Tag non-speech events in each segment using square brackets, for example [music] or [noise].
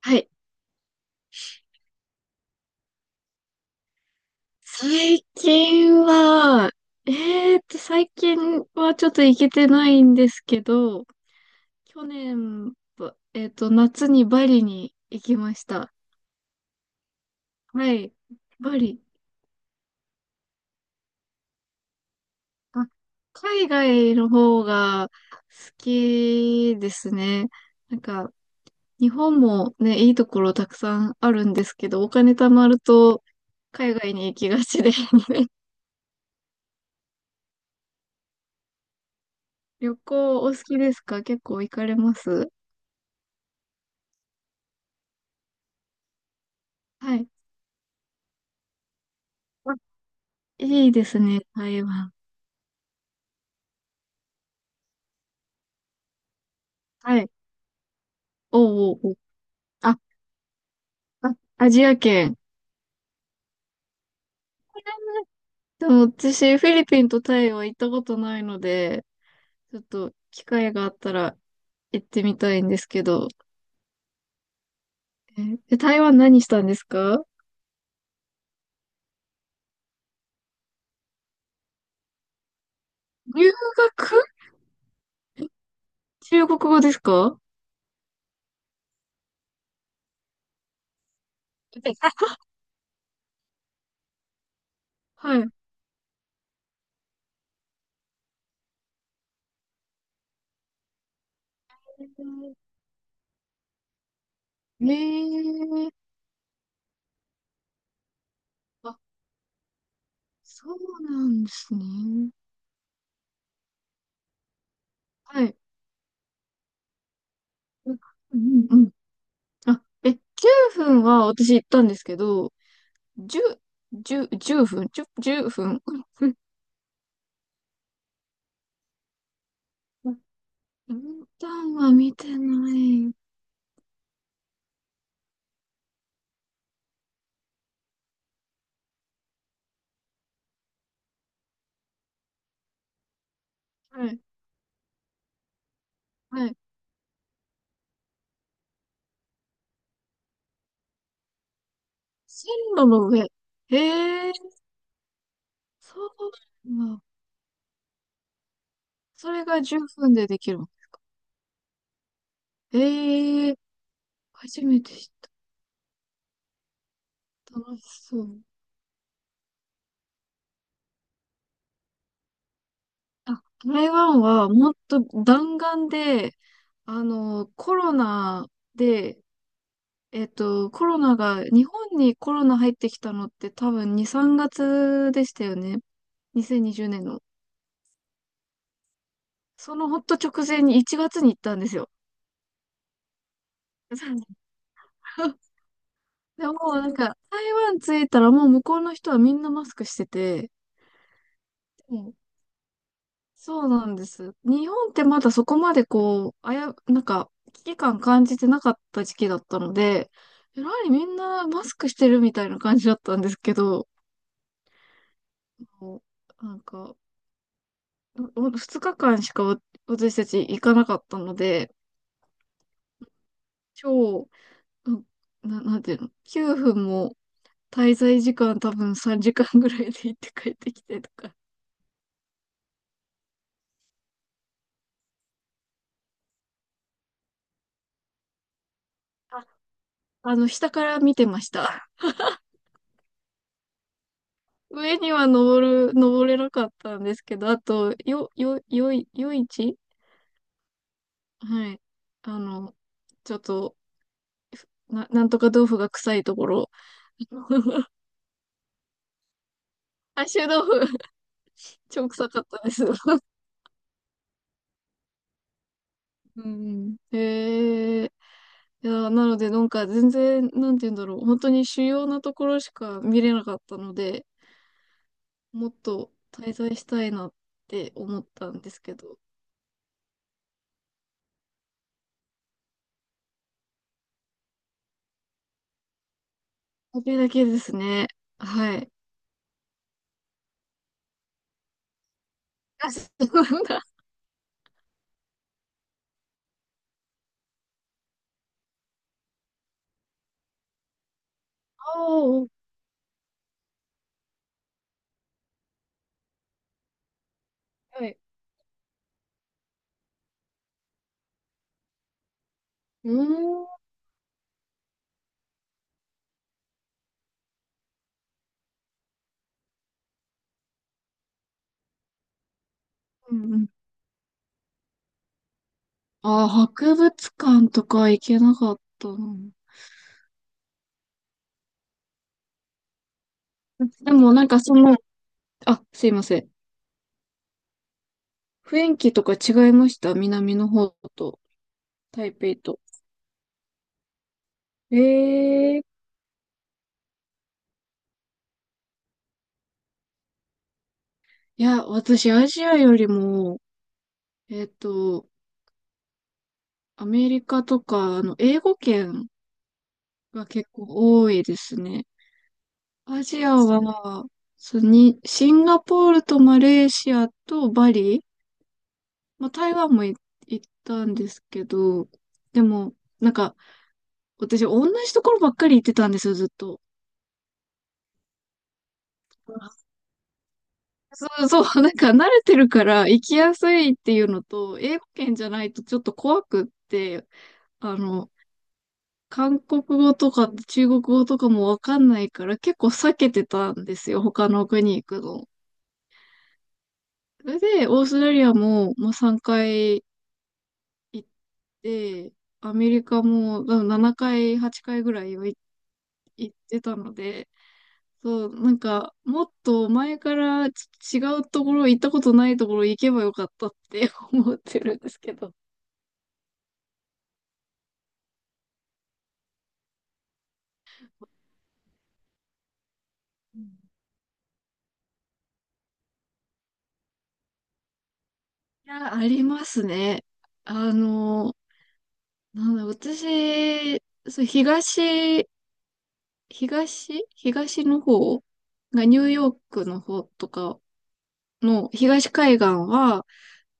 はい。最近は、えーっと、最近ちょっと行けてないんですけど、去年、ばえーっと、夏にバリに行きました。はい。バリ。あ、海外の方が好きですね。なんか、日本もね、いいところたくさんあるんですけど、お金貯まると海外に行きがちで [laughs] 旅行お好きですか？結構行かれますはい。いいですね、台湾。はい。おうおうおう。あ、あ、アジア圏。でも私、フィリピンとタイは行ったことないので、ちょっと機会があったら行ってみたいんですけど。えで台湾何したんですか？留学？中国語ですか？ [laughs] はい。えー、あ、そうなんですね。はい。うんうんうん。あ、9分は私行ったんですけど、十、十分。[laughs] 分担は見てない。はい、はい。線路の上。へえ、そうなんだ。それが10分でできるの？へえ、初めて知った。楽しそう。あ、台湾はもっと弾丸で、コロナで、コロナが、日本にコロナ入ってきたのって多分2、3月でしたよね。2020年の。そのほんと直前に1月に行ったんですよ。[laughs] でももうなんか、台湾着いたらもう向こうの人はみんなマスクしてて、うん。そうなんです。日本ってまだそこまでこう、なんか、危機感感じてなかった時期だったので、えらいみんなマスクしてるみたいな感じだったんですけど、もうなんか、2日間しか私たち行かなかったので、超、うんなんていうの、9分も滞在時間多分3時間ぐらいで行って帰ってきてとか。あ下から見てました。上には登れなかったんですけど、あと、よ、よ、よい、夜市。はい。あの、ちょっと、なんとか豆腐が臭いところ。[laughs] あ、臭豆腐、超臭かったです。うんうん。へえ。いや、なので、なんか全然、なんて言うんだろう。本当に主要なところしか見れなかったので、もっと滞在したいなって思ったんですけど、それだけですね。はい。あ、そうなんだ。おー、はい。うーん。うんうん。博物館とか行けなかったな。でもなんかその、あ、すいません。雰囲気とか違いました？南の方と、台北と。ええ、いや、私アジアよりも、えっと、アメリカとか、英語圏が結構多いですね。アジアは、そうに、シンガポールとマレーシアとバリ、まあ、台湾も行ったんですけど、でも、なんか、私、同じところばっかり行ってたんですよ、ずっと。そうそう、[laughs] なんか慣れてるから行きやすいっていうのと、英語圏じゃないとちょっと怖くって、あの、韓国語とか中国語とかもわかんないから結構避けてたんですよ、他の国行くの。それで、オーストラリアも、まあ、3回行って、アメリカも多分7回、8回ぐらいは行ってたので、そう、なんか、もっと前から違うところ、行ったことないところ行けばよかったって [laughs] 思ってるんですけど。いや、ありますね。あの、なんだ、私、そう、東の方がニューヨークの方とかの東海岸は、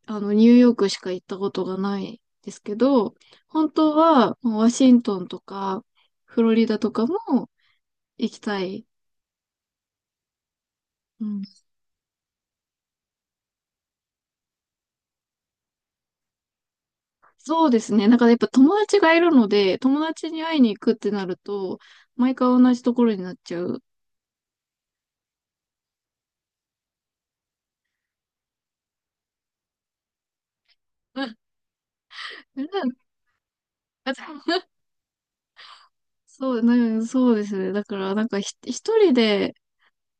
ニューヨークしか行ったことがないですけど、本当は、もうワシントンとか、フロリダとかも行きたい。うん。そうですね。なんかやっぱ友達がいるので、友達に会いに行くってなると、毎回同じところになっちゃう。うん。うん、あ [laughs] そう、なんかそうですね。だからなんか一人で、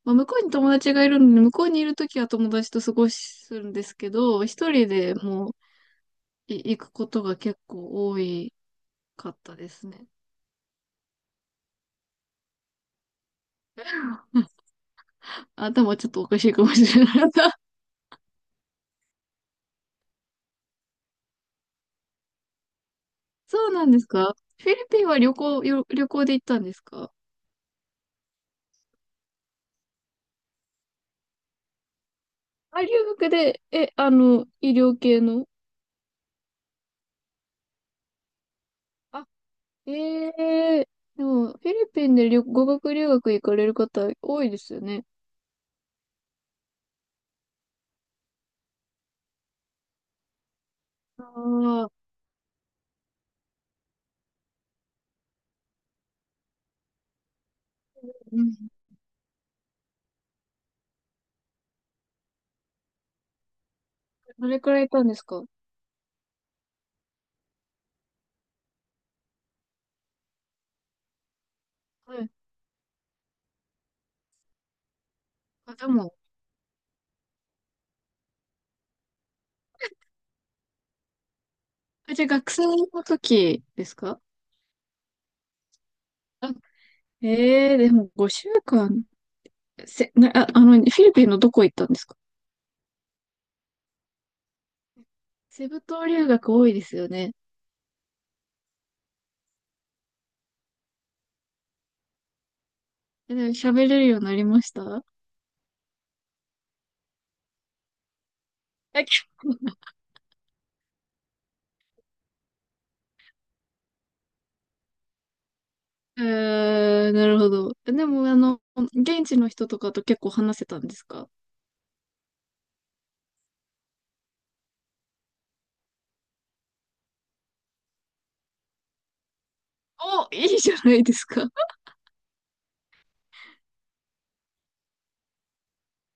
まあ、向こうに友達がいるので、向こうにいるときは友達と過ごすんですけど、一人でもう行くことが結構多いかったですね。[laughs] うん。頭ちょっとおかしいかもしれない。[laughs] そうなんですか？フィリピンは旅行で行ったんですか？あ、留学で、え、あの、医療系の。あ、ええ、でも、フィリピンで語学留学行かれる方多いですよね。ああ、うん。どれくらいいたんですか？はい。あ、でも、あ、じゃあ学生の時ですか？ええ、でも5週間、せ、な、あ、あの、フィリピンのどこ行ったんですか？セブ島留学多いですよね。でも喋れるようになりました？え、あきえー、なるほど。でも、現地の人とかと結構話せたんですか？お、いいじゃないですか。[laughs]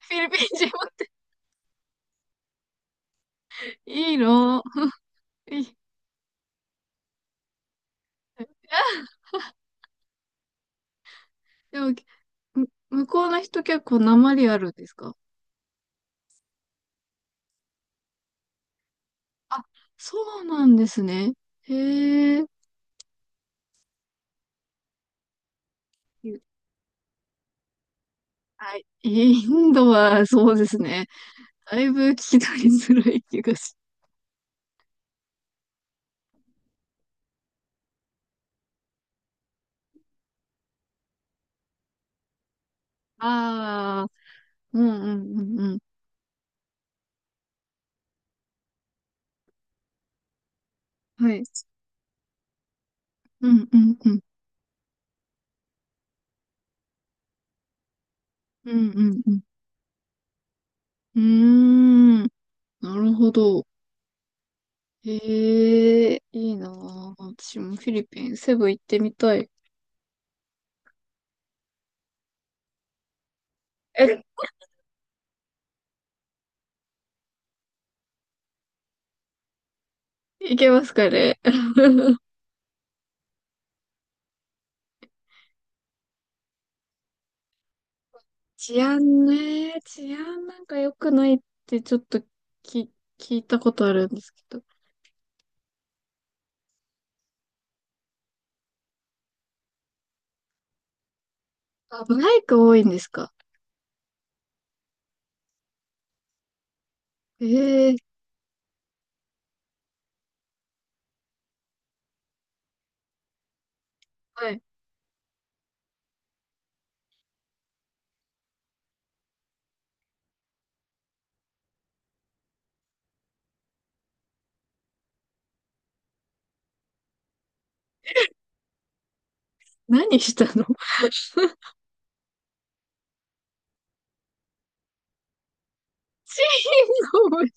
フィリピン人もって。いいの？いい。でも、向こうの人結構訛りあるんですか？あ、そうなんですね。へえ。はい。インドはそうですね。だいぶ聞き取りづらい気がし。ああ、うんうんうんうん。はい。うんうんうん。うんうんうん。うーん。なるほど。へえ、いいなあ。私もフィリピン、セブ行ってみたい。行けますかね。治安ね、治安なんか良くないってちょっとき、聞いたことあるんですけど。あ、バイク多いんですか？ええ、はい。何したの？ [laughs] 死の思い、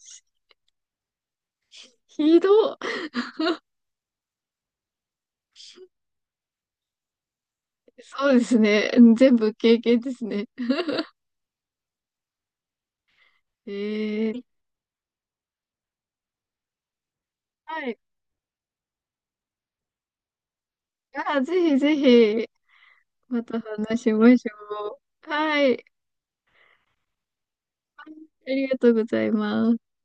ひどそうですね。全部経験ですね。ええ、はい。あ、ぜひぜひ。また話しましょう。はい。ありがとうございます。